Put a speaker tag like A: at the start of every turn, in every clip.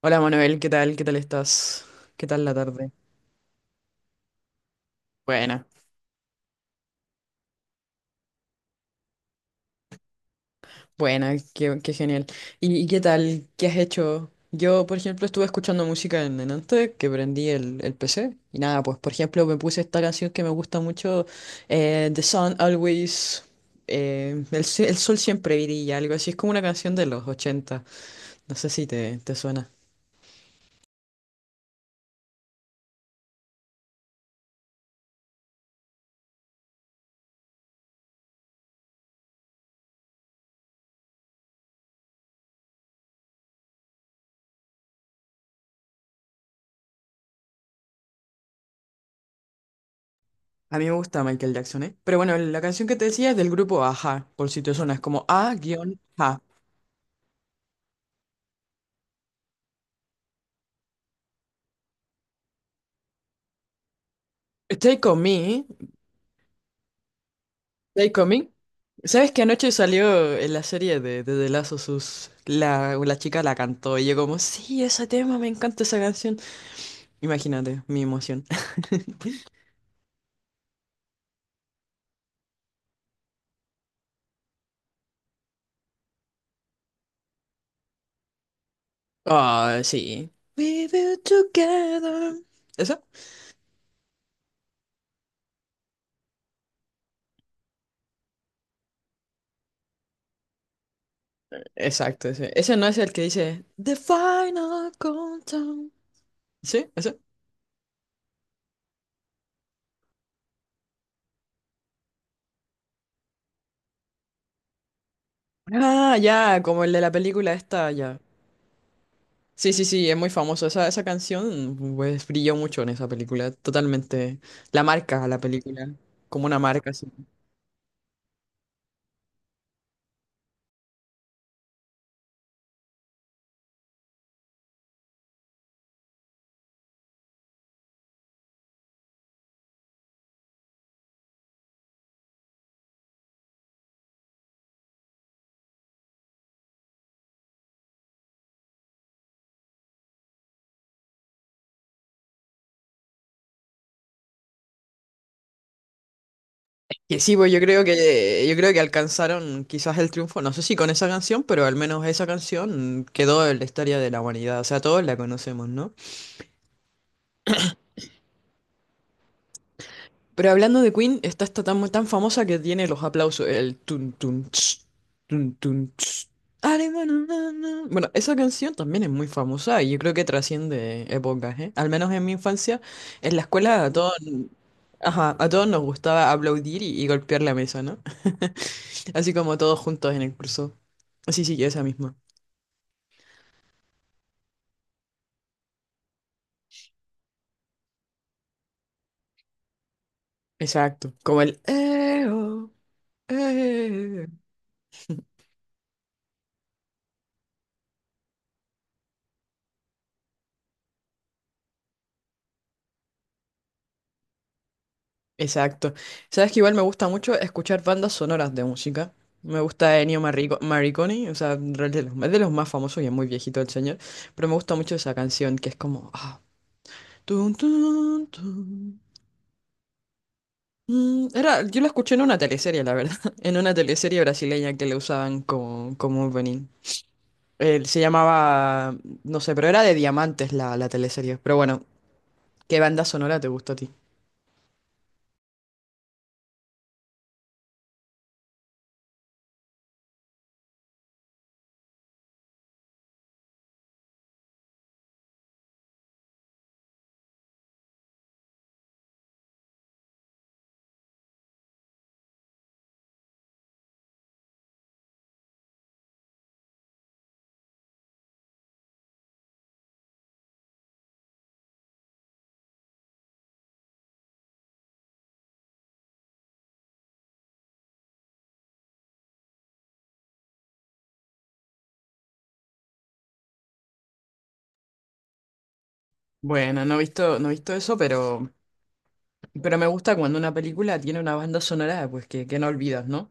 A: Hola Manuel, ¿qué tal? ¿Qué tal estás? ¿Qué tal la tarde? Buena, buena, qué genial. ¿Y qué tal? ¿Qué has hecho? Yo, por ejemplo, estuve escuchando música en antes, que prendí el PC. Y nada, pues por ejemplo me puse esta canción que me gusta mucho, The Sun Always, el sol siempre brilla, algo así. Es como una canción de los 80. No sé si te suena. A mí me gusta Michael Jackson, ¿eh? Pero bueno, la canción que te decía es del grupo Aja, por si te suena, es como A-H. Stay con me. Stay Coming. ¿Sabes que anoche salió en la serie de The Last of Us? La chica la cantó y yo como, sí, ese tema, me encanta esa canción. Imagínate mi emoción. Ah, sí. We will together. ¿Eso? Exacto, ese. Ese no es el que dice The Final Countdown. ¿Sí? ¿Ese? Ah, ya, como el de la película esta, ya. Sí, sí, sí, es muy famoso. Esa canción, pues, brilló mucho en esa película. Totalmente. La marca, la película. Como una marca, sí. Que sí, pues yo creo que alcanzaron quizás el triunfo, no sé si con esa canción, pero al menos esa canción quedó en la historia de la humanidad, o sea, todos la conocemos, ¿no? Pero hablando de Queen, está esta tan famosa que tiene los aplausos, el tun tun ch, tun tun ch. Are na, na, na. Na. Bueno, esa canción también es muy famosa y yo creo que trasciende épocas, ¿eh? Al menos en mi infancia, en la escuela a todos, ajá, a todos nos gustaba aplaudir y golpear la mesa, ¿no? Así como todos juntos en el curso. Sí, sí, esa misma. Exacto. Como el "Eo, eh". Exacto. Sabes que igual me gusta mucho escuchar bandas sonoras de música. Me gusta Ennio Morricone, o sea, en realidad es de los más famosos y es muy viejito el señor, pero me gusta mucho esa canción que es como ah, tun, tun, tun. Era, yo la escuché en una teleserie, la verdad, en una teleserie brasileña que le usaban como opening. Él se llamaba, no sé, pero era de Diamantes la teleserie. Pero bueno, ¿qué banda sonora te gustó a ti? Bueno, no he visto eso, pero me gusta cuando una película tiene una banda sonora, pues que no olvidas, ¿no?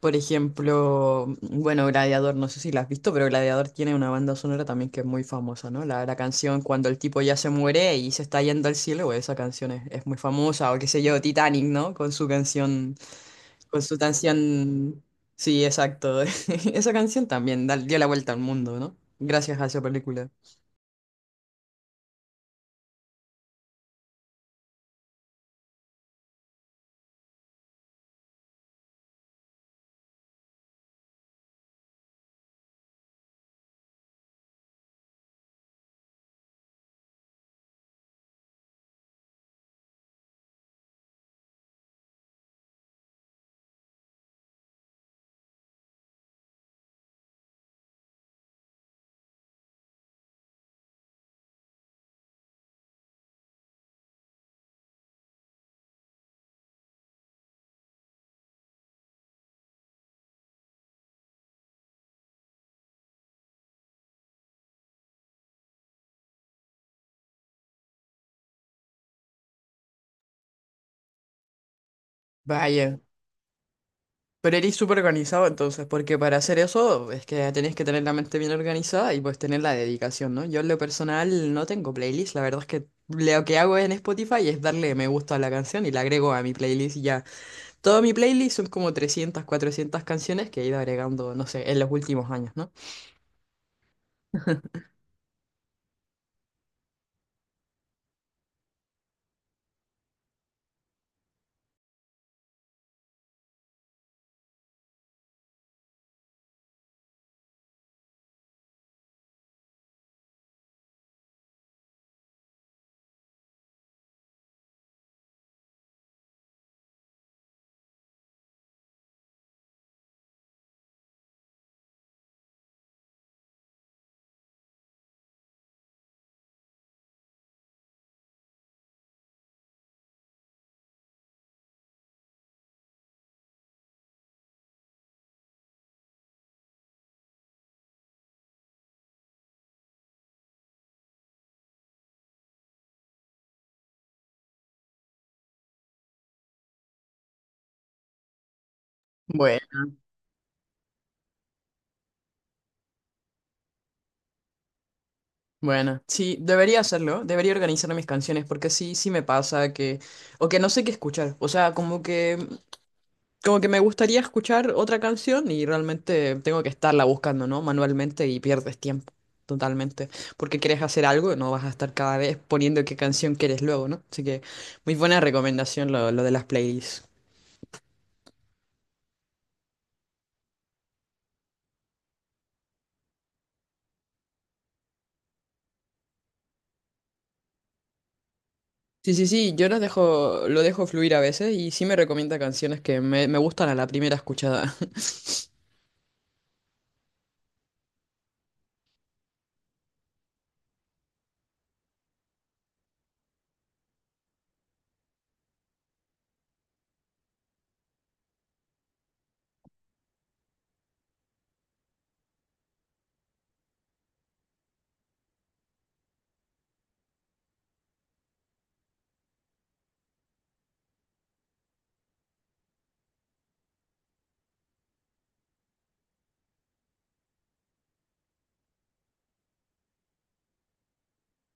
A: Por ejemplo, bueno, Gladiador, no sé si la has visto, pero Gladiador tiene una banda sonora también que es muy famosa, ¿no? La canción cuando el tipo ya se muere y se está yendo al cielo, pues, esa canción es muy famosa, o qué sé yo, Titanic, ¿no? Con su canción. Con su canción, sí, exacto. Esa canción también dio la vuelta al mundo, ¿no? Gracias a esa película. Vaya, pero eres súper organizado entonces, porque para hacer eso es que tenés que tener la mente bien organizada y pues tener la dedicación, ¿no? Yo en lo personal no tengo playlist, la verdad es que lo que hago en Spotify es darle me gusta a la canción y la agrego a mi playlist y ya. Todo mi playlist son como 300 400 canciones que he ido agregando, no sé, en los últimos años, ¿no? Bueno. Bueno, sí, debería hacerlo, debería organizar mis canciones porque sí, sí me pasa que, o que no sé qué escuchar, o sea, como que me gustaría escuchar otra canción y realmente tengo que estarla buscando, ¿no? Manualmente y pierdes tiempo, totalmente, porque quieres hacer algo y no vas a estar cada vez poniendo qué canción quieres luego, ¿no? Así que muy buena recomendación lo de las playlists. Sí, sí, sí, yo los dejo, lo dejo fluir a veces y sí me recomienda canciones que me gustan a la primera escuchada.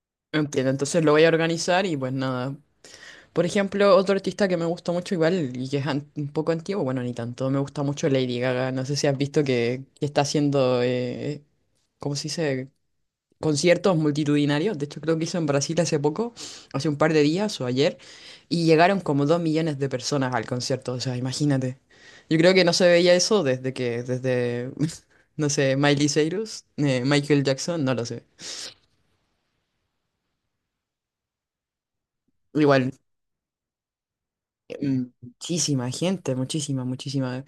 A: Entiendo, entonces lo voy a organizar y pues nada, por ejemplo, otro artista que me gusta mucho igual y que es un poco antiguo, bueno, ni tanto, me gusta mucho Lady Gaga. No sé si has visto que está haciendo, ¿cómo se dice? Conciertos multitudinarios. De hecho, creo que hizo en Brasil hace poco, hace un par de días o ayer, y llegaron como 2 millones de personas al concierto. O sea, imagínate. Yo creo que no se veía eso desde que, desde, no sé, Miley Cyrus, Michael Jackson, no lo sé. Igual, muchísima gente, muchísima, muchísima.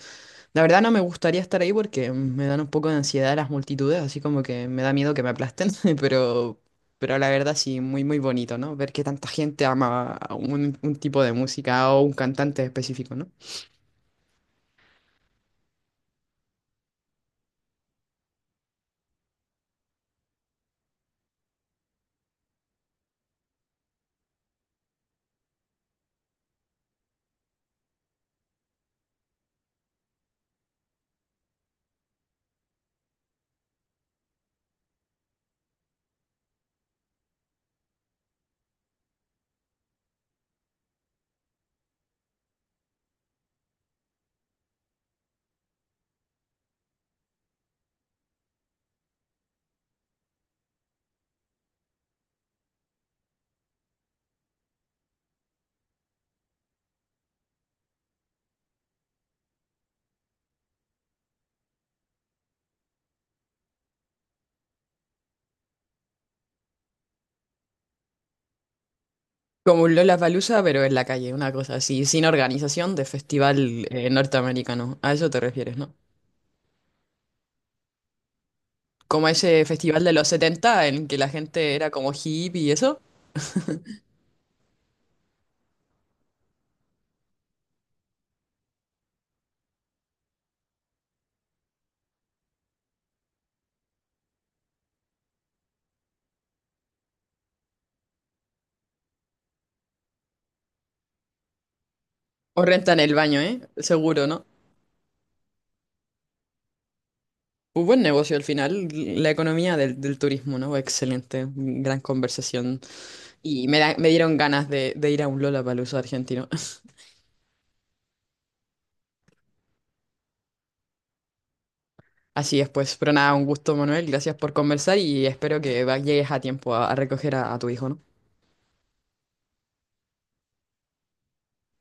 A: La verdad no me gustaría estar ahí porque me dan un poco de ansiedad las multitudes, así como que me da miedo que me aplasten, pero, pero la verdad sí, muy muy bonito, ¿no? Ver que tanta gente ama a un tipo de música o un cantante específico, ¿no? Como un Lollapalooza, pero en la calle, una cosa así, sin organización de festival norteamericano. A eso te refieres, ¿no? Como ese festival de los 70 en que la gente era como hippie y eso. O rentan el baño, ¿eh? Seguro, ¿no? Un buen negocio al final, la economía del turismo, ¿no? Excelente, gran conversación. Y me dieron ganas de ir a un Lollapalooza argentino. Así es, pues, pero nada, un gusto, Manuel. Gracias por conversar y espero que llegues a tiempo a recoger a tu hijo, ¿no?